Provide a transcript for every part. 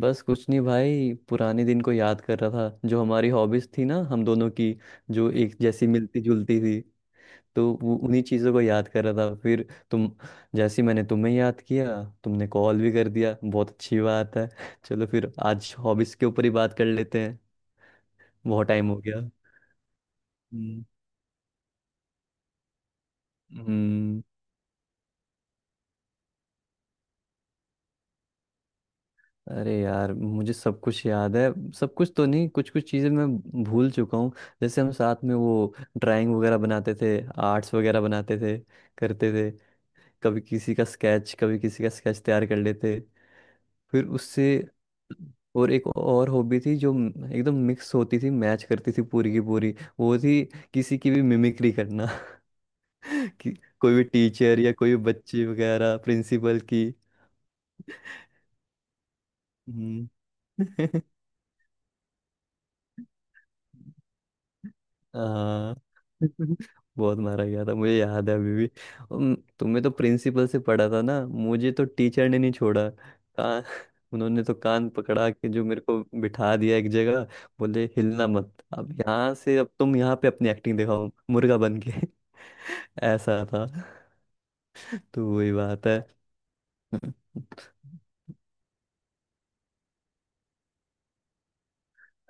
बस कुछ नहीं भाई, पुराने दिन को याद कर रहा था जो हमारी हॉबीज थी ना, हम दोनों की। जो एक जैसी मिलती जुलती थी तो वो उन्हीं चीज़ों को याद कर रहा था। फिर तुम, जैसे ही मैंने तुम्हें याद किया तुमने कॉल भी कर दिया। बहुत अच्छी बात है। चलो फिर आज हॉबीज के ऊपर ही बात कर लेते हैं। बहुत टाइम हो गया। हम्म। हम्म। अरे यार, मुझे सब कुछ याद है। सब कुछ तो नहीं, कुछ कुछ चीज़ें मैं भूल चुका हूँ। जैसे हम साथ में वो ड्राइंग वगैरह बनाते थे, आर्ट्स वगैरह बनाते थे, करते थे। कभी किसी का स्केच, कभी किसी का स्केच तैयार कर लेते, फिर उससे। और एक और हॉबी थी जो एकदम मिक्स होती थी, मैच करती थी पूरी की पूरी। वो थी किसी की भी मिमिक्री करना। कि कोई भी टीचर या कोई भी बच्चे वगैरह, प्रिंसिपल की। हम्म। हाँ। बहुत मारा गया था, मुझे याद है अभी भी। तुमने तो प्रिंसिपल से पढ़ा था ना, मुझे तो टीचर ने नहीं छोड़ा, कान उन्होंने तो कान पकड़ा के जो मेरे को बिठा दिया एक जगह। बोले हिलना मत अब यहाँ से, अब तुम यहाँ पे अपनी एक्टिंग दिखाओ मुर्गा बन के। ऐसा था। तो वही बात है।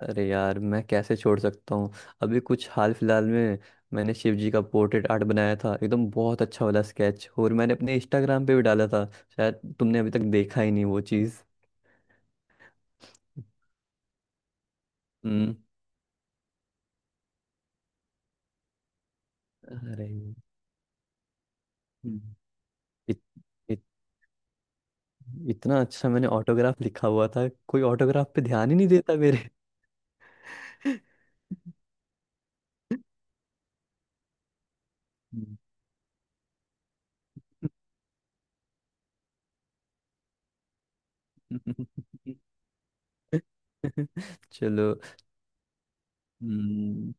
अरे यार, मैं कैसे छोड़ सकता हूँ। अभी कुछ हाल फिलहाल में मैंने शिव जी का पोर्ट्रेट आर्ट बनाया था, एकदम बहुत अच्छा वाला स्केच, और मैंने अपने इंस्टाग्राम पे भी डाला था। शायद तुमने अभी तक देखा ही नहीं वो चीज़। हम्म। अरे। हम्म। इत, इत, इतना अच्छा मैंने ऑटोग्राफ लिखा हुआ था, कोई ऑटोग्राफ पे ध्यान ही नहीं देता मेरे। हम्म। चलो। हम्म।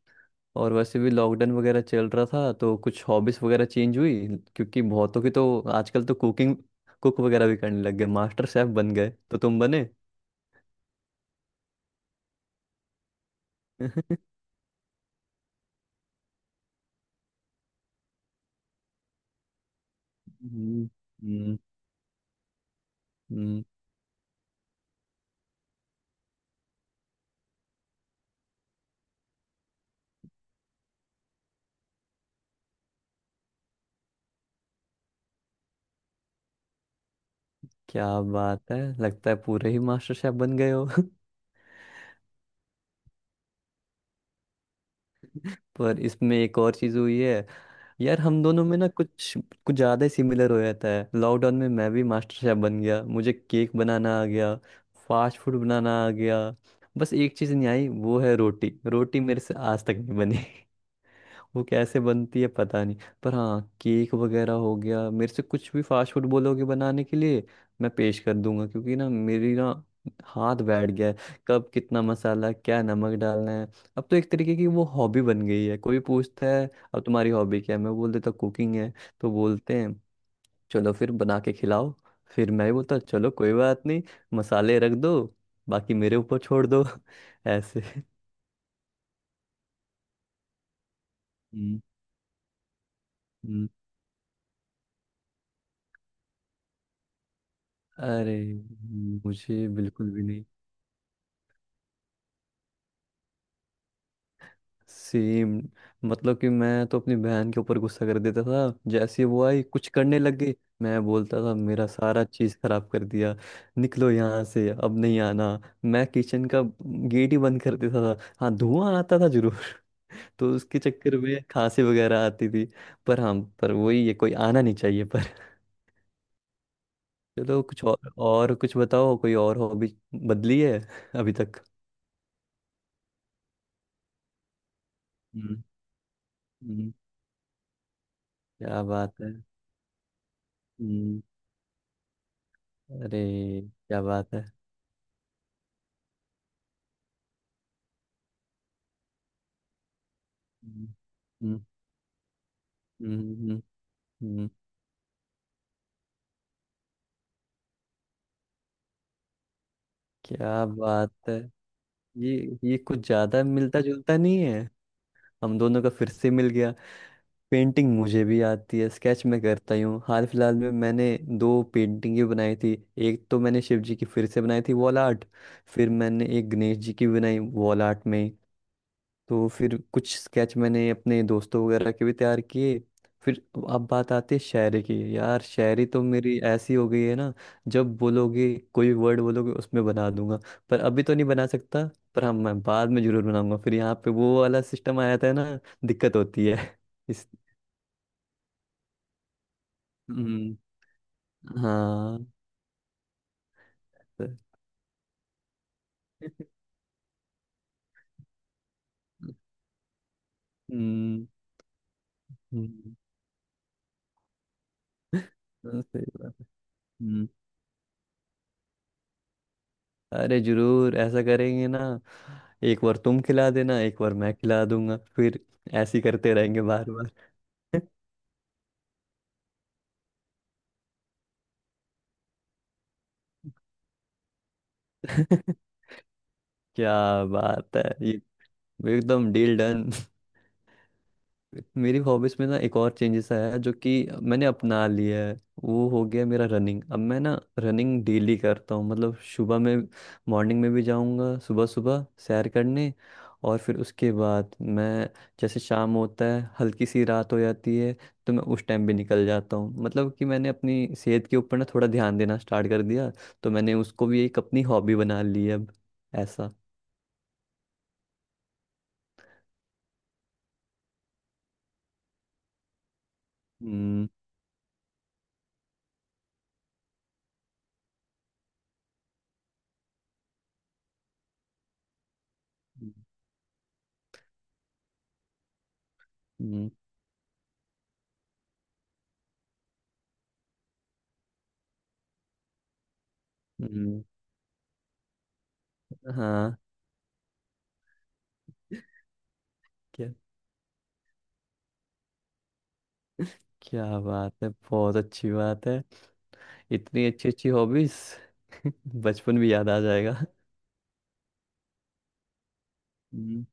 और वैसे भी लॉकडाउन वगैरह चल रहा था तो कुछ हॉबीज वगैरह चेंज हुई, क्योंकि बहुतों की तो आजकल तो कुकिंग, कुक वगैरह भी करने लग गए, मास्टर शेफ बन गए। तो तुम बने। हम्म। हम्म। हम्म। क्या बात है, लगता है पूरे ही मास्टर शेफ बन गए हो। पर इसमें एक और चीज हुई है। यार हम दोनों में ना कुछ कुछ ज्यादा ही सिमिलर हो जाता है। लॉकडाउन में मैं भी मास्टर शेफ बन गया, मुझे केक बनाना आ गया, फास्ट फूड बनाना आ गया। बस एक चीज नहीं आई, वो है रोटी। रोटी मेरे से आज तक नहीं बनी, वो कैसे बनती है पता नहीं। पर हाँ, केक वगैरह हो गया। मेरे से कुछ भी फास्ट फूड बोलोगे बनाने के लिए, मैं पेश कर दूंगा। क्योंकि ना मेरी ना, हाथ बैठ गया है कब कितना मसाला क्या नमक डालना है। अब तो एक तरीके की वो हॉबी बन गई है। कोई पूछता है अब तुम्हारी हॉबी क्या है, मैं बोल देता कुकिंग है। तो बोलते हैं चलो फिर बना के खिलाओ। फिर मैं ही बोलता चलो कोई बात नहीं, मसाले रख दो, बाकी मेरे ऊपर छोड़ दो। ऐसे। हम्म। हम्म। अरे, मुझे बिल्कुल भी नहीं। सेम। मतलब कि मैं तो अपनी बहन के ऊपर गुस्सा कर देता था, जैसे ही वो आई कुछ करने लग गई। मैं बोलता था मेरा सारा चीज खराब कर दिया, निकलो यहाँ से, अब नहीं आना। मैं किचन का गेट ही बंद कर देता था। हाँ, धुआं आता था जरूर। तो उसके चक्कर में खांसी वगैरह आती थी। पर हाँ, पर वही है, कोई आना नहीं चाहिए पर। चलो कुछ और कुछ बताओ। कोई और हॉबी बदली है अभी तक? हम्म। हम्म। क्या बात है। हम्म। अरे। क्या बात है। हम्म। हम्म। हम्म। हम्म। हम्म। क्या बात है। ये ये कुछ ज्यादा मिलता जुलता नहीं है, हम दोनों का फिर से मिल गया। पेंटिंग मुझे भी आती है, स्केच मैं करता ही हूँ। हाल फिलहाल में मैंने दो पेंटिंग ही बनाई थी। एक तो मैंने शिव जी की फिर से बनाई थी वॉल आर्ट। फिर मैंने एक गणेश जी की बनाई वॉल आर्ट में। तो फिर कुछ स्केच मैंने अपने दोस्तों वगैरह के भी तैयार किए फिर। अब बात आती है शायरी की। यार, शायरी तो मेरी ऐसी हो गई है ना, जब बोलोगे, कोई वर्ड बोलोगे उसमें बना दूंगा। पर अभी तो नहीं बना सकता। पर हाँ, मैं बाद में जरूर बनाऊंगा। फिर यहाँ पे वो वाला सिस्टम आया था ना, दिक्कत होती है। इस। हम्म। हाँ। हम्म। हम्म। हाँ, सही बात है। अरे जरूर ऐसा करेंगे ना। एक बार तुम खिला देना, एक बार मैं खिला दूंगा, फिर ऐसे ही करते रहेंगे बार बार। क्या बात है ये, एकदम डील डन। मेरी हॉबीज में ना एक और चेंजेस आया है, जो कि मैंने अपना लिया है। वो हो गया मेरा रनिंग। अब मैं ना रनिंग डेली करता हूँ, मतलब सुबह में मॉर्निंग में भी जाऊँगा सुबह सुबह सैर करने। और फिर उसके बाद मैं, जैसे शाम होता है हल्की सी रात हो जाती है, तो मैं उस टाइम भी निकल जाता हूँ। मतलब कि मैंने अपनी सेहत के ऊपर ना थोड़ा ध्यान देना स्टार्ट कर दिया, तो मैंने उसको भी एक अपनी हॉबी बना ली है अब ऐसा। हम्म। हम्म। हम्म। हम्म। हाँ, क्या बात है, बहुत अच्छी बात है। इतनी अच्छी अच्छी हॉबीज। बचपन भी याद आ जाएगा। हम्म।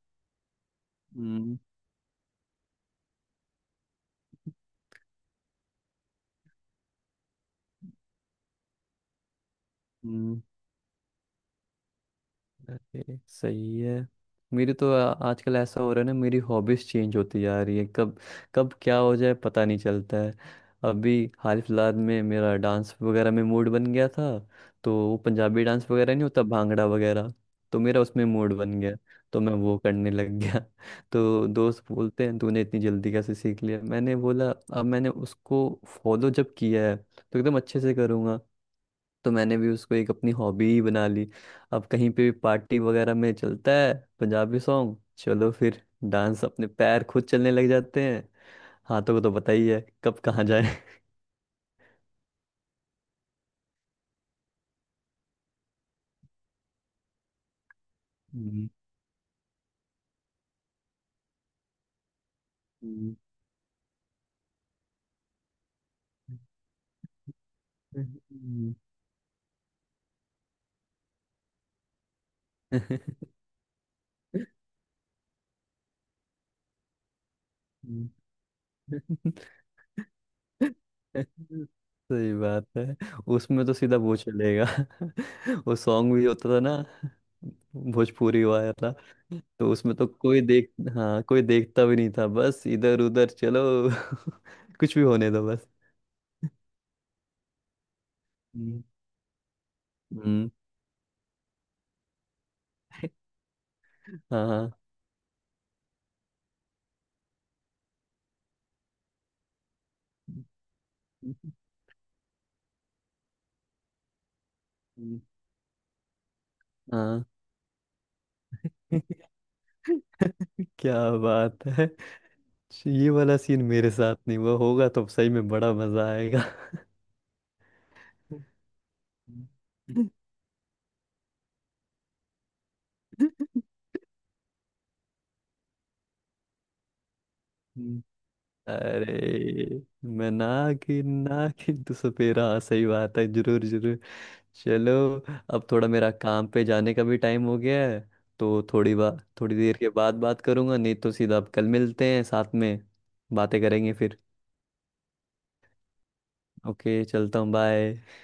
हम्म। अरे सही है। मेरी तो आजकल ऐसा हो रहा है ना, मेरी हॉबीज चेंज होती जा रही है, कब कब क्या हो जाए पता नहीं चलता है। अभी हाल फिलहाल में मेरा डांस वगैरह में मूड बन गया था। तो वो पंजाबी डांस वगैरह नहीं होता भांगड़ा वगैरह, तो मेरा उसमें मूड बन गया, तो मैं वो करने लग गया। तो दोस्त बोलते हैं तूने इतनी जल्दी कैसे सीख लिया, मैंने बोला अब मैंने उसको फॉलो जब किया है तो एकदम अच्छे से करूँगा। तो मैंने भी उसको एक अपनी हॉबी ही बना ली। अब कहीं पे भी पार्टी वगैरह में चलता है पंजाबी सॉन्ग, चलो फिर डांस, अपने पैर खुद चलने लग जाते हैं। हाथों को तो पता ही है कब कहाँ जाए। हम्म। हम्म। हम्म। हम्म। हम्म। हम्म। सही बात है। उसमें तो सीधा वो चलेगा। वो सॉन्ग भी होता था ना, भोजपुरी वाला। तो उसमें तो कोई देख हाँ, कोई देखता भी नहीं था, बस इधर उधर चलो। कुछ भी होने दो बस। हम्म। हम्म। हाँ, हाँ। हम्म। हाँ। क्या बात है, ये वाला सीन मेरे साथ नहीं हुआ होगा तो सही में बड़ा मजा आएगा। हम्म। अरे, मैं नागिन नागिन तू सपेरा, हाँ सही बात है, जरूर जरूर। चलो, अब थोड़ा मेरा काम पे जाने का भी टाइम हो गया है, तो थोड़ी बात थोड़ी देर के बाद बात करूंगा, नहीं तो सीधा अब कल मिलते हैं साथ में बातें करेंगे फिर। ओके चलता हूँ। बाय।